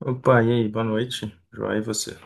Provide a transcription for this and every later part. Opa, e aí, boa noite. Joia, e você?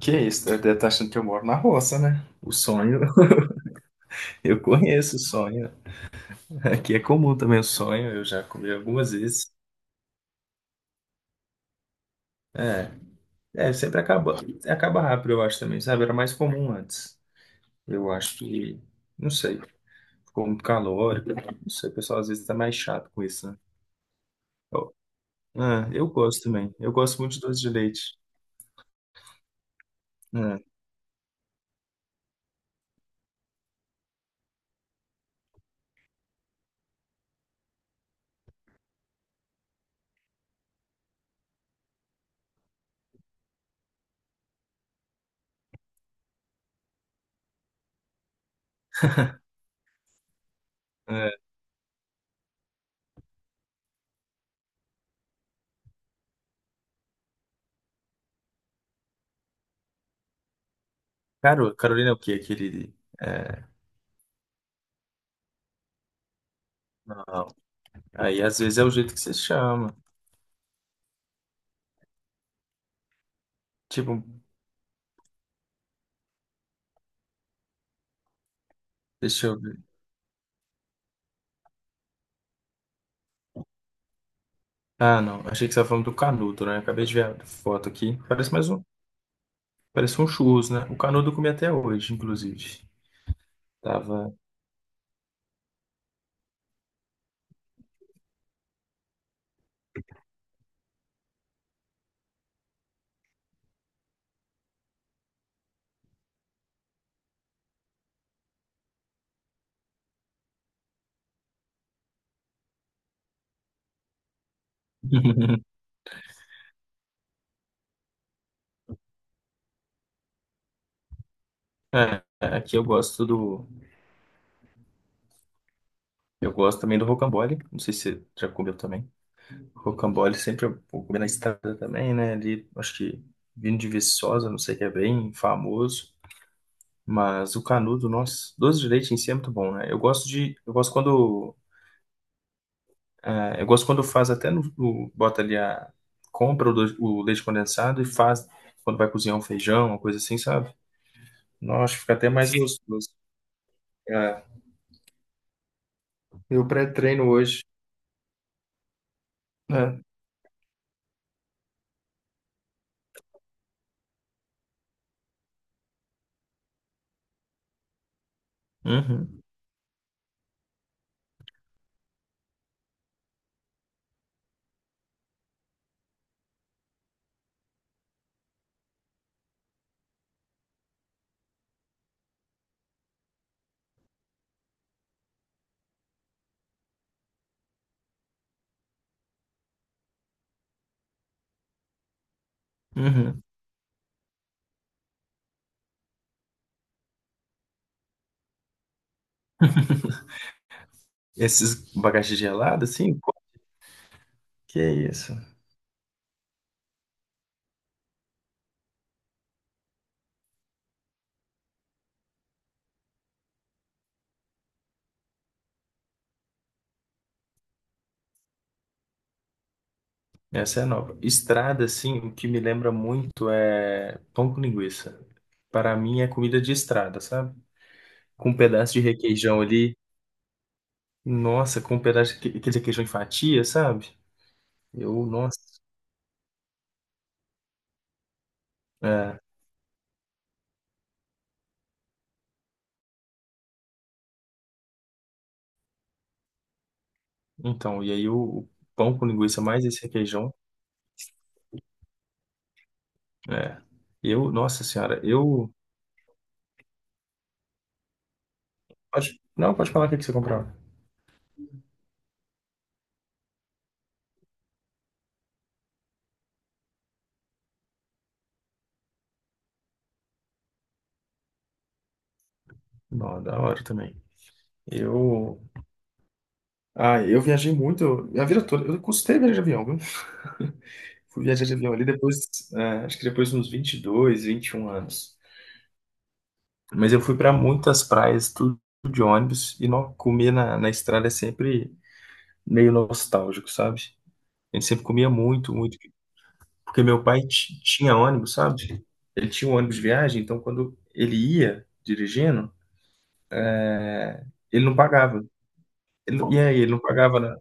Que isso, deve estar achando que eu moro na roça, né? O sonho, eu conheço o sonho. Aqui é comum também o sonho, eu já comi algumas vezes. É, sempre acaba rápido, eu acho também, sabe? Era mais comum antes. Eu acho que, não sei, ficou muito calórico. Não sei, o pessoal às vezes tá mais chato com isso, né? Eu, eu gosto também, eu gosto muito de doce de leite. É, é. Carolina é o quê? Aquele. É, não. Aí às vezes é o jeito que você chama. Tipo, deixa eu ver. Ah, não. Achei que você estava falando do canudo, né? Acabei de ver a foto aqui. Parece um churros, né? O canudo eu comi até hoje, inclusive. Tava. É, aqui eu gosto do. Eu gosto também do rocambole. Não sei se você já comeu também. Rocambole sempre eu vou comer na estrada também, né? Ali, acho que vindo de Viçosa, não sei que é bem famoso. Mas o canudo, nossa, doce de leite em si é muito bom, né? Eu gosto de. Eu gosto quando, ah, eu gosto quando faz até bota ali a o leite condensado e faz quando vai cozinhar um feijão, uma coisa assim, sabe? Nossa, fica até mais gostoso. É, meu pré-treino hoje, né? Uhum, uhum. Esses abacaxi gelado, assim, pô, que isso? Essa é nova. Estrada, assim, o que me lembra muito é pão com linguiça. Para mim é comida de estrada, sabe? Com um pedaço de requeijão ali. Nossa, com um pedaço de aquele requeijão em fatia, sabe? Eu, nossa. É, então, e aí o pão com linguiça mais esse requeijão. É. Eu, nossa senhora, eu. Pode, não, pode falar o que que você comprou. Não, da hora também. Eu. Ah, eu viajei muito, a vida toda. Eu custei viajar de avião, viu? Fui viajar de avião ali depois, é, acho que depois de uns 22, 21 anos. Mas eu fui para muitas praias, tudo de ônibus, e não, comer na estrada é sempre meio nostálgico, sabe? A gente sempre comia muito, muito. Porque meu pai tinha ônibus, sabe? Ele tinha um ônibus de viagem, então quando ele ia dirigindo, ele não pagava. Ele não pagava na,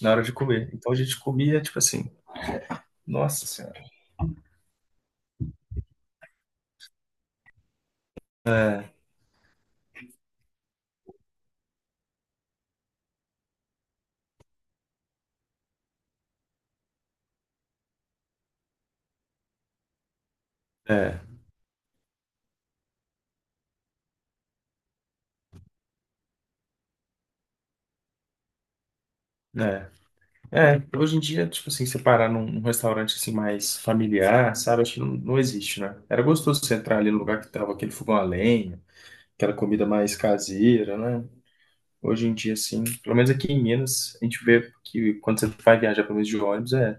na hora de comer. Então a gente comia, tipo assim, nossa senhora. É, né? É, hoje em dia, tipo assim, você parar num restaurante assim mais familiar, sabe? Acho que não, não existe, né? Era gostoso você entrar ali no lugar que tava aquele fogão a lenha, aquela comida mais caseira, né? Hoje em dia, assim, pelo menos aqui em Minas, a gente vê que quando você vai viajar, pelo menos de ônibus, é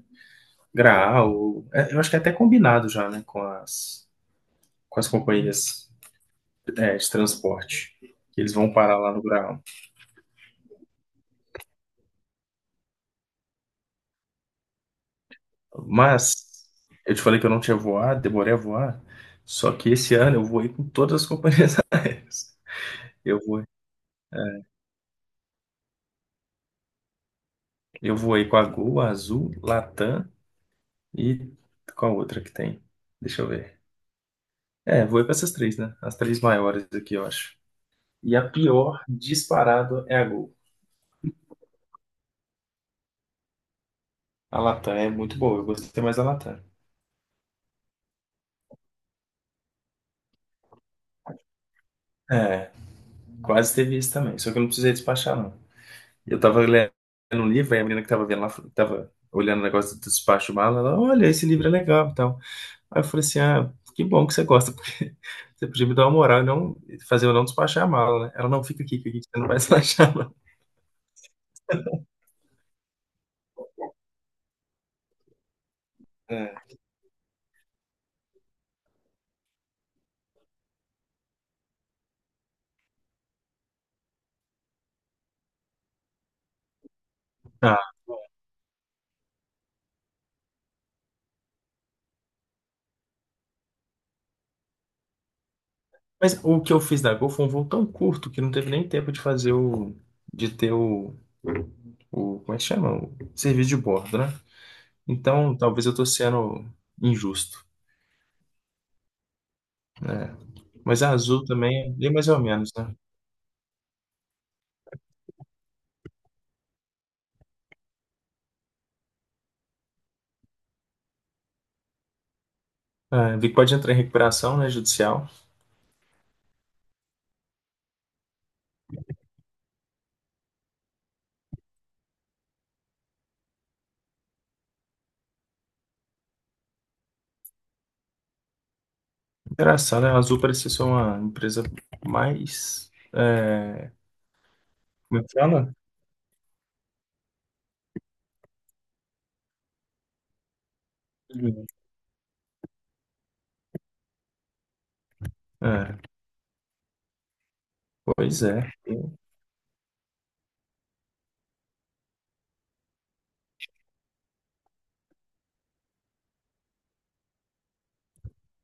Graal, é, eu acho que é até combinado já, né, com as companhias, é, de transporte, que eles vão parar lá no Graal. Mas eu te falei que eu não tinha voado, demorei a voar, só que esse ano eu voei com todas as companhias aéreas. Eu voei, eu voei com a Gol, a Azul, Latam e com a outra que tem? Deixa eu ver. É, voei com essas três, né? As três maiores aqui, eu acho. E a pior disparado é a Gol. A Latam é muito boa, eu gostei mais da Latam. É, quase teve isso também, só que eu não precisei despachar, não. Eu tava lendo um livro, aí a menina que tava vendo lá, tava olhando o negócio do despacho mala, ela, olha, esse livro é legal e tal. Aí eu falei assim, ah, que bom que você gosta, porque você podia me dar uma moral e não fazer eu não despachar a mala, né? Ela, não, fica aqui, você não vai despachar, não. É. Ah, mas o que eu fiz da Gol foi um voo tão curto que não teve nem tempo de fazer o, de ter o, como é que chama? O serviço de bordo, né? Então, talvez eu tô sendo injusto, né? Mas a Azul também é bem mais ou menos, né? É, vi que pode entrar em recuperação, né, judicial. Engraçado, né? A Azul parecia ser uma empresa mais... é, como é que fala? É, pois é.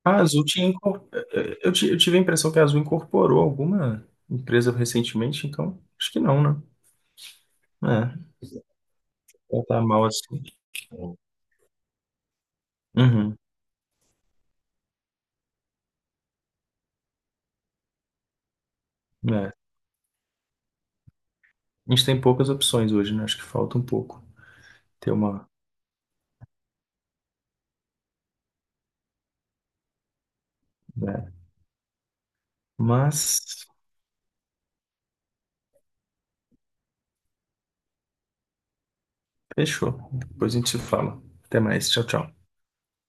A Azul tinha... é, é, eu eu tive a impressão que a Azul incorporou alguma empresa recentemente, então acho que não, né? É, ela tá mal assim. Uhum, né? A gente tem poucas opções hoje, né? Acho que falta um pouco ter uma... né? Mas... Fechou. Depois a gente se fala. Até mais. Tchau, tchau.